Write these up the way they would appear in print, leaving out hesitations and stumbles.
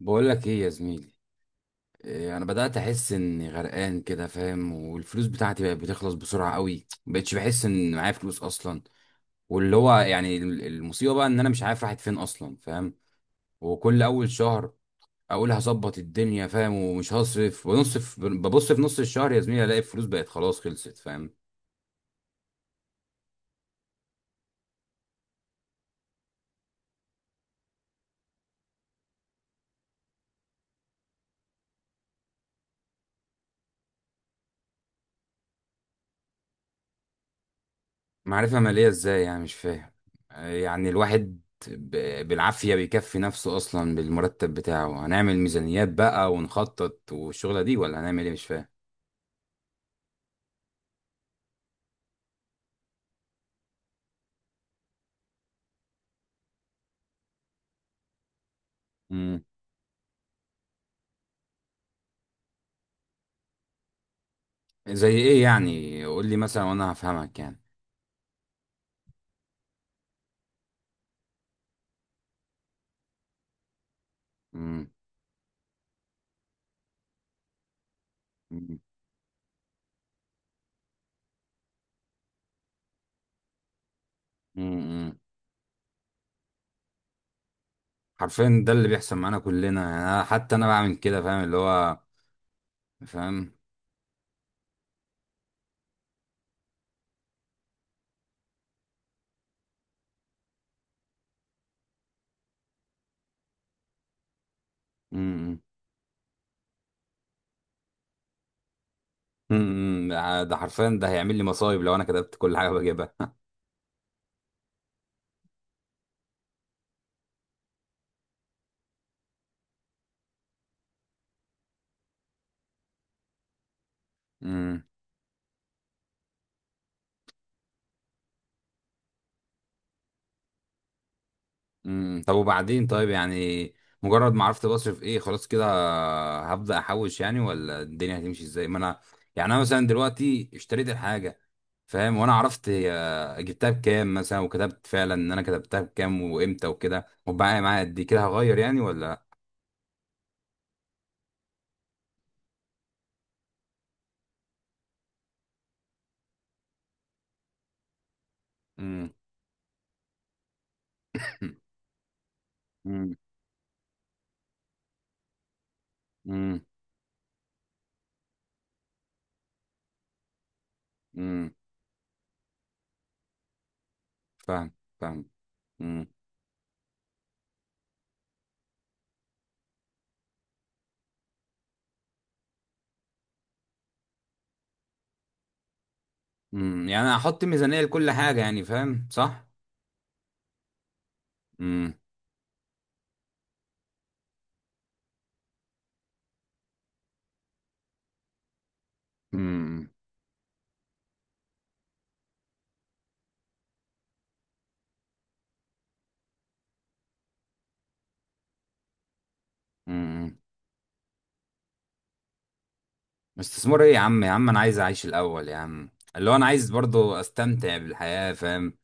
بقول لك ايه يا زميلي. إيه انا بدات احس اني غرقان كده، فاهم؟ والفلوس بتاعتي بقت بتخلص بسرعه قوي. مبقتش بحس ان معايا فلوس اصلا. واللي هو يعني المصيبه بقى ان انا مش عارف راحت فين اصلا، فاهم؟ وكل اول شهر اقول هظبط الدنيا، فاهم، ومش هصرف ونصف. ببص في نص الشهر يا زميلي الاقي الفلوس بقت خلاص، خلصت، فاهم؟ معرفة مالية ازاي يعني؟ مش فاهم. يعني الواحد بالعافية بيكفي نفسه أصلا بالمرتب بتاعه. هنعمل ميزانيات بقى ونخطط والشغلة دي؟ ولا هنعمل ايه؟ مش فاهم. مم. زي ايه يعني؟ قول لي مثلا وانا هفهمك يعني. مم. مم. مم. حرفيا ده اللي بيحصل معانا كلنا، يعني أنا حتى انا بعمل كده، فاهم اللي هو؟ فاهم. مم. مم. مم. ده حرفيا ده هيعمل لي مصايب لو انا كتبت كل حاجة بجيبها. طب وبعدين، طيب يعني، مجرد ما عرفت بصرف ايه، خلاص كده هبدأ احوش يعني؟ ولا الدنيا هتمشي ازاي؟ ما انا يعني انا مثلا دلوقتي اشتريت الحاجة، فاهم، وانا عرفت هي جبتها بكام مثلا، وكتبت فعلا ان انا كتبتها بكام وامتى وكده، وبقى معايا قد إيه، كده هغير يعني ولا؟ امم. امم. امم. امم. فاهم. فاهم. امم. امم. يعني هحط ميزانية لكل حاجة يعني، فاهم؟ صح؟ امم. امم. استثمار ايه يا عم؟ يا عم انا عايز اعيش الاول يا عم. اللي هو انا عايز برضو استمتع بالحياة، فاهم؟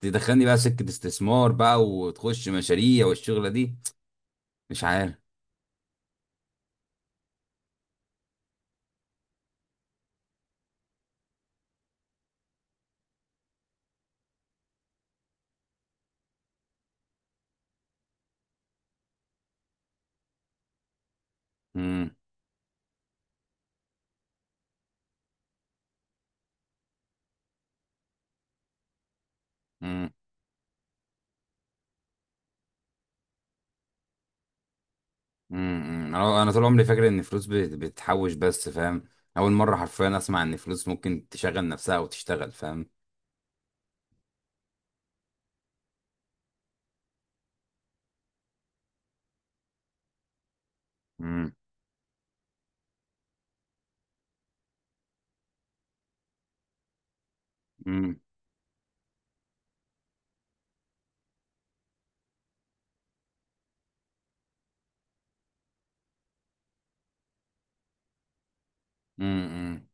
تدخلني بقى سكة استثمار بقى، وتخش مشاريع والشغلة دي؟ مش عارف. امم. امم. انا طول عمري فاكر ان الفلوس بتحوش بس، فاهم؟ اول مرة حرفيا اسمع ان الفلوس ممكن تشغل نفسها وتشتغل، فاهم؟ امم. امم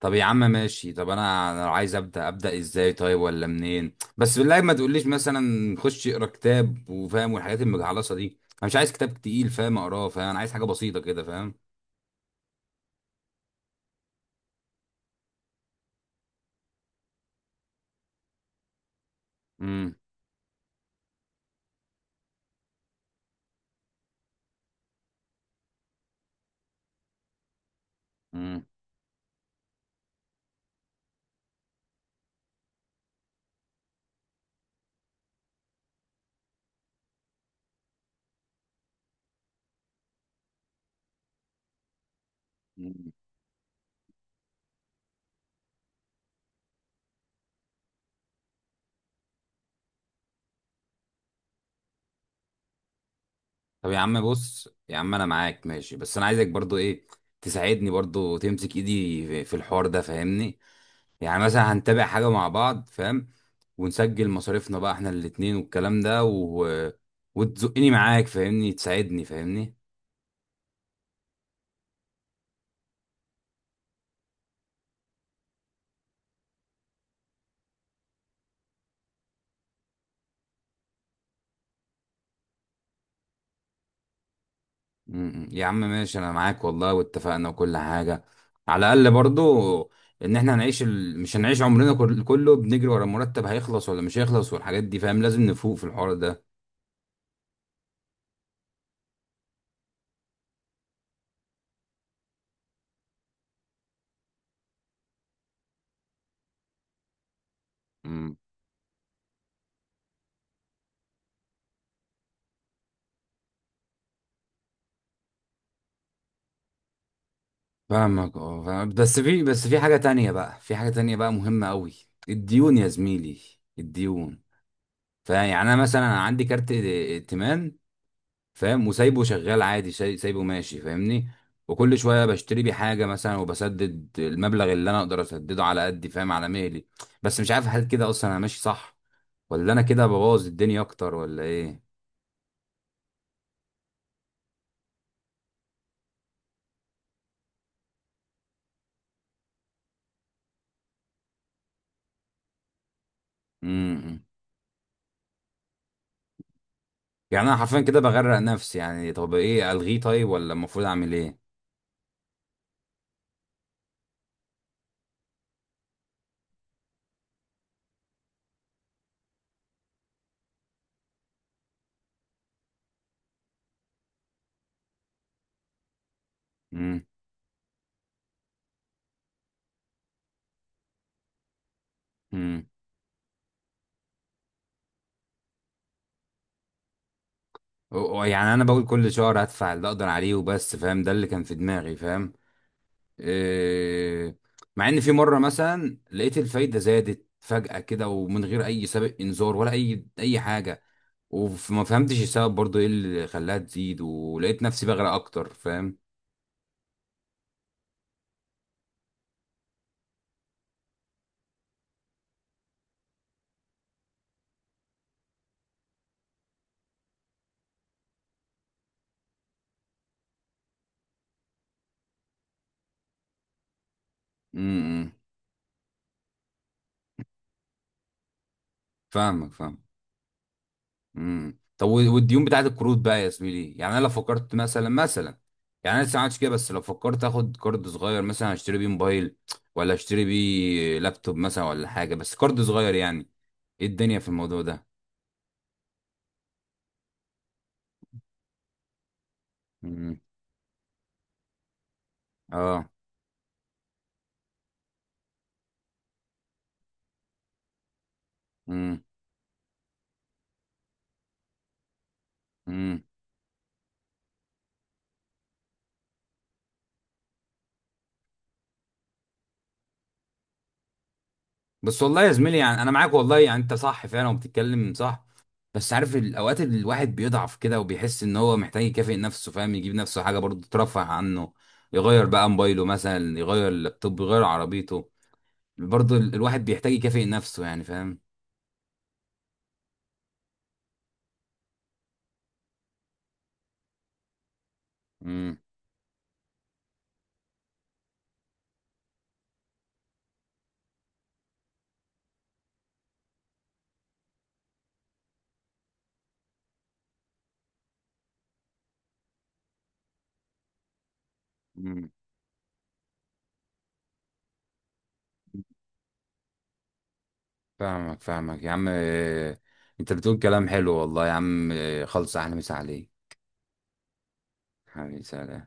طب يا عم ماشي. طب انا عايز ابدا ازاي طيب؟ ولا منين؟ بس بالله ما تقوليش مثلا خش اقرا كتاب وفاهم والحاجات المجعلصه دي. انا مش عايز كتاب تقيل فاهم اقراه، فاهم؟ انا عايز حاجه بسيطه كده، فاهم؟ امم. امم. طب يا عم، بص يا عم، انا معاك ماشي، بس انا عايزك برضو ايه، تساعدني برضو. تمسك ايدي في الحوار ده فاهمني؟ يعني مثلا هنتابع حاجه مع بعض، فاهم، ونسجل مصاريفنا بقى احنا الاتنين والكلام ده، وتزقني معاك فاهمني، تساعدني فاهمني؟ م- م. يا عم ماشي، انا معاك والله، واتفقنا وكل حاجه. على الاقل برضو ان احنا هنعيش مش هنعيش عمرنا كله بنجري ورا المرتب هيخلص ولا مش هيخلص والحاجات دي، فاهم، لازم نفوق في الحوار ده. امم. فاهمك، اه، فاهم. بس في حاجه تانية بقى، في حاجه تانية بقى مهمه قوي. الديون يا زميلي. الديون. فيعني انا مثلا عندي كارت ائتمان، فاهم، وسايبه شغال عادي، سايبه ماشي فاهمني. وكل شويه بشتري بيه حاجه مثلا، وبسدد المبلغ اللي انا اقدر اسدده على قدي، فاهم، على مهلي. بس مش عارف هل كده اصلا انا ماشي صح، ولا انا كده ببوظ الدنيا اكتر، ولا ايه؟ امم. إمم. يعني انا حرفيا كده بغرق نفسي يعني. طب ايه؟ الغيه طيب؟ ولا المفروض اعمل ايه؟ امم. امم. يعني انا بقول كل شهر هدفع اللي اقدر عليه وبس، فاهم، ده اللي كان في دماغي، فاهم؟ إيه، مع ان في مره مثلا لقيت الفايده زادت فجاه كده، ومن غير اي سابق انذار ولا اي حاجه. وما فهمتش السبب برضو ايه اللي خلاها تزيد، ولقيت نفسي بغرق اكتر، فاهم؟ امم فاهمك، فاهم. طب والديون بتاعت القروض بقى يا زميلي. يعني انا لو فكرت مثلا، يعني انا لسه ما عملتش كده، بس لو فكرت اخد كارد صغير مثلا اشتري بيه موبايل، ولا اشتري بيه لابتوب مثلا، ولا حاجه، بس كارد صغير يعني. ايه الدنيا في الموضوع ده؟ امم. اه. امم. امم. بس والله يا زميلي، يعني انا معاك والله، يعني انت صح فعلا وبتتكلم صح. بس عارف الاوقات اللي الواحد بيضعف كده، وبيحس ان هو محتاج يكافئ نفسه، فاهم، يجيب نفسه حاجه برضه ترفه عنه. يغير بقى موبايله مثلا، يغير اللابتوب، يغير عربيته. برضه الواحد بيحتاج يكافئ نفسه يعني، فاهم؟ امم. امم. فاهمك، فاهمك يا عم، إيه، انت بتقول كلام حلو والله يا عم، إيه، خلص احلى، مسا عليك. حبيبي، سلام.